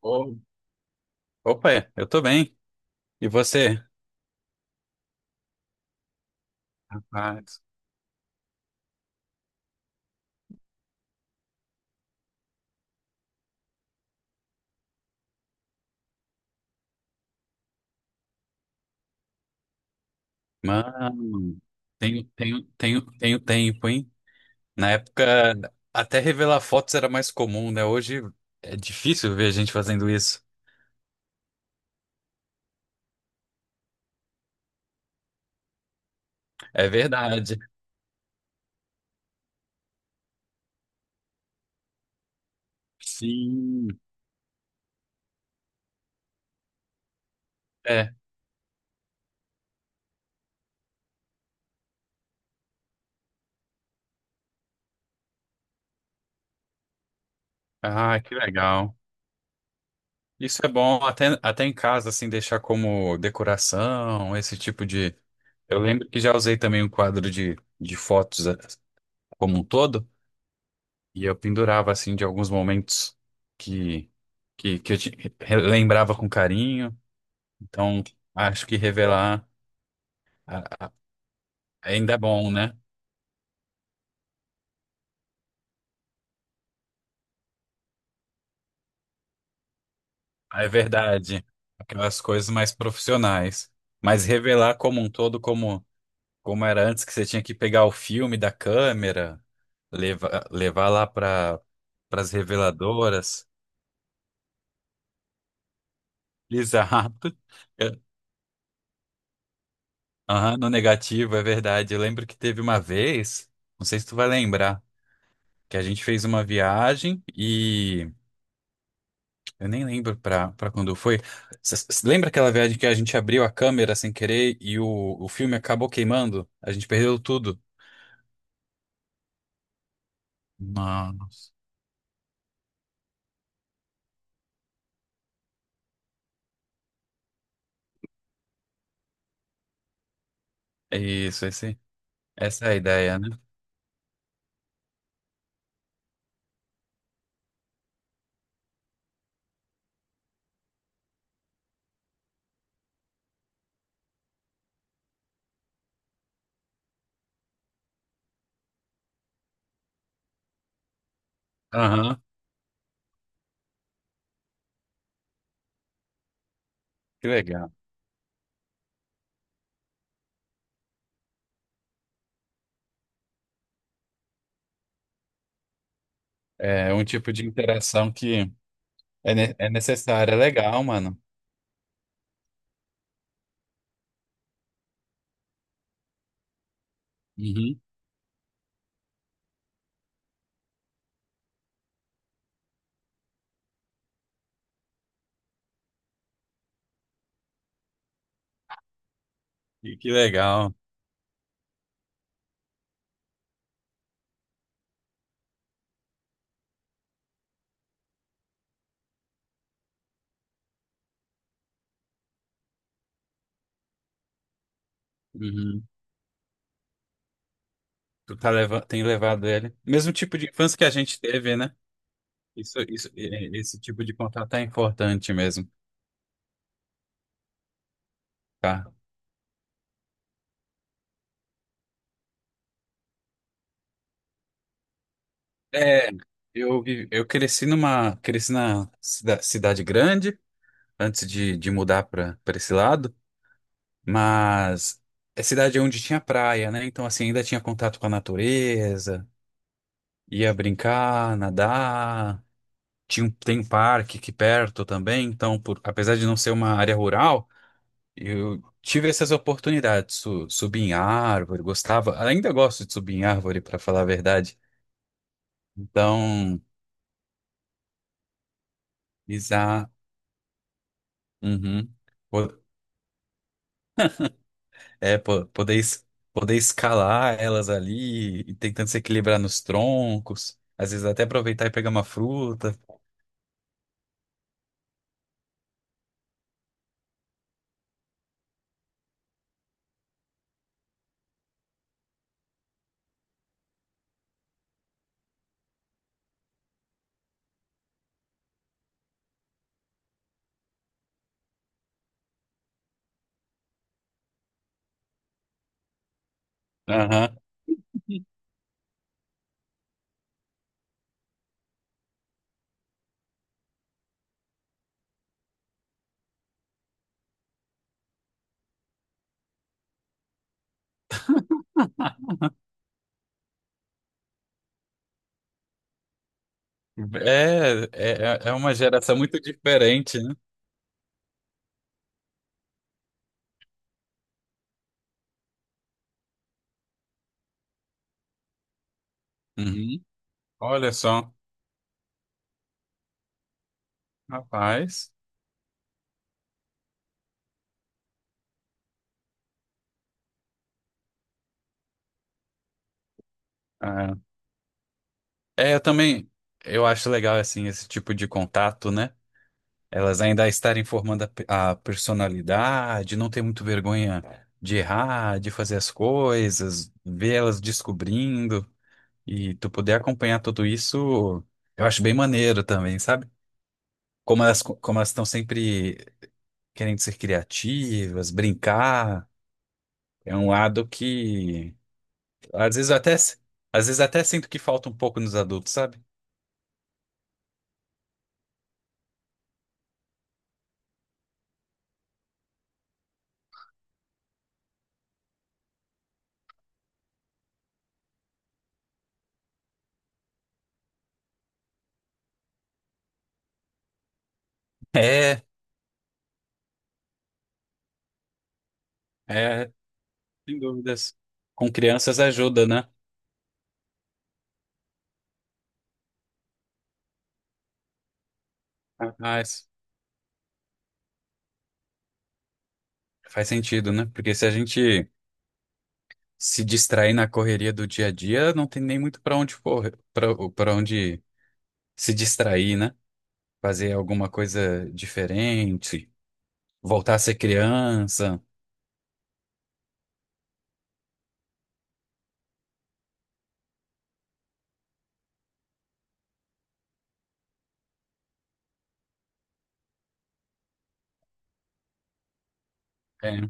Ô, opa, eu tô bem. E você? Rapaz, mano, tenho tempo, hein? Na época, até revelar fotos era mais comum, né? Hoje é difícil ver gente fazendo isso. É verdade. Sim. É. Ah, que legal. Isso é bom até, em casa, assim, deixar como decoração, esse tipo de. Eu lembro que já usei também um quadro de fotos como um todo. E eu pendurava, assim, de alguns momentos que, que relembrava com carinho. Então, acho que revelar a- a- ainda é bom, né? Ah, é verdade. Aquelas coisas mais profissionais. Mas revelar como um todo, como, como era antes, que você tinha que pegar o filme da câmera, levar lá para as reveladoras. Exato. É, aham, no negativo, é verdade. Eu lembro que teve uma vez, não sei se tu vai lembrar, que a gente fez uma viagem e eu nem lembro para quando foi. Lembra aquela viagem que a gente abriu a câmera sem querer e o filme acabou queimando? A gente perdeu tudo. Nossa. É isso, essa é a ideia, né? Aham, que legal. É um tipo de interação que é, é necessária. É legal, mano. Uhum. E que legal. Uhum. Tu tá leva tem levado ele. Mesmo tipo de infância que a gente teve, né? Isso, esse tipo de contato é importante mesmo. Tá. É, eu cresci numa, cresci na cidade grande, antes de mudar para esse lado, mas é cidade onde tinha praia, né? Então, assim, ainda tinha contato com a natureza, ia brincar, nadar, tem um parque aqui perto também, então, por, apesar de não ser uma área rural, eu tive essas oportunidades, subir em árvore, gostava, ainda gosto de subir em árvore, para falar a verdade. Então, uhum. Po- É, poder, poder escalar elas ali, e tentando se equilibrar nos troncos, às vezes até aproveitar e pegar uma fruta. Aham. É, é uma geração muito diferente, né? Uhum. Olha só, rapaz. Ah. É, eu também, eu acho legal, assim, esse tipo de contato, né? Elas ainda estarem formando a, a personalidade, não ter muito vergonha de errar, de fazer as coisas, ver elas descobrindo. E tu poder acompanhar tudo isso, eu acho bem maneiro também, sabe? Como elas estão sempre querendo ser criativas, brincar, é um lado que às vezes eu até às vezes até sinto que falta um pouco nos adultos, sabe? É, é, sem dúvidas. Com crianças ajuda, né? Mas faz sentido, né? Porque se a gente se distrair na correria do dia a dia, não tem nem muito para onde correr, para onde se distrair, né? Fazer alguma coisa diferente, voltar a ser criança. É,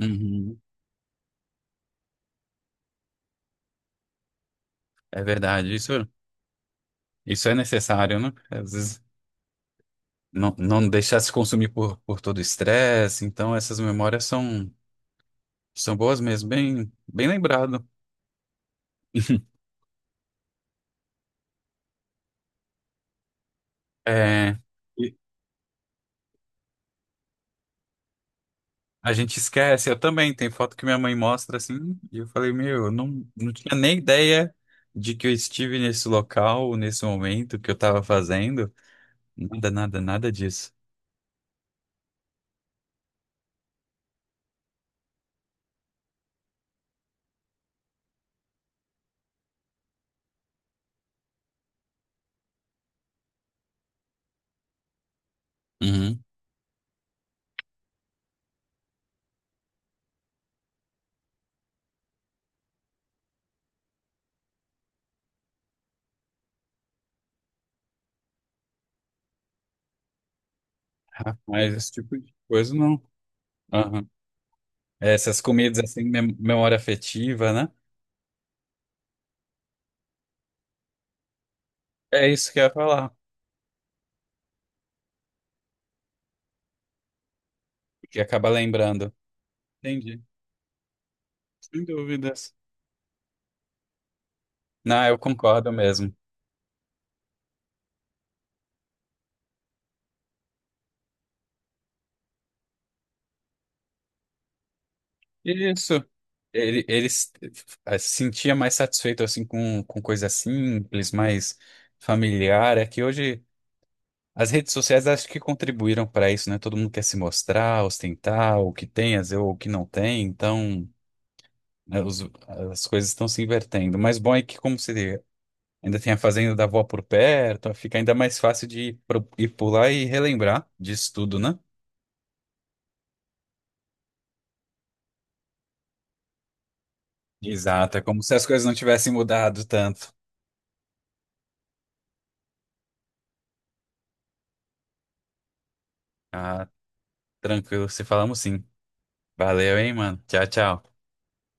uhum, é verdade, isso é necessário, né? Às vezes não, deixar se consumir por todo o estresse, então essas memórias são, são boas mesmo, bem, bem lembrado. É, e a gente esquece, eu também, tem foto que minha mãe mostra assim, e eu falei, meu, eu não, não tinha nem ideia de que eu estive nesse local, nesse momento, que eu estava fazendo, nada disso. Uhum. Rapaz, esse tipo de coisa não. Aham. É, essas comidas assim, memória afetiva, né? É isso que eu ia falar, que acaba lembrando. Entendi, sem dúvidas. Não, eu concordo mesmo. Isso. Ele, ele s- sentia mais satisfeito assim com coisa simples, mais familiar. É que hoje as redes sociais acho que contribuíram para isso, né? Todo mundo quer se mostrar, ostentar o que tem, às vezes, ou o que não tem. Então, né, as coisas estão se invertendo. Mas bom é que como se ainda tem a fazenda da avó por perto, fica ainda mais fácil de ir pular e relembrar disso tudo, né? Exato, é como se as coisas não tivessem mudado tanto. Ah, tranquilo, se falamos sim. Valeu, hein, mano. Tchau, tchau.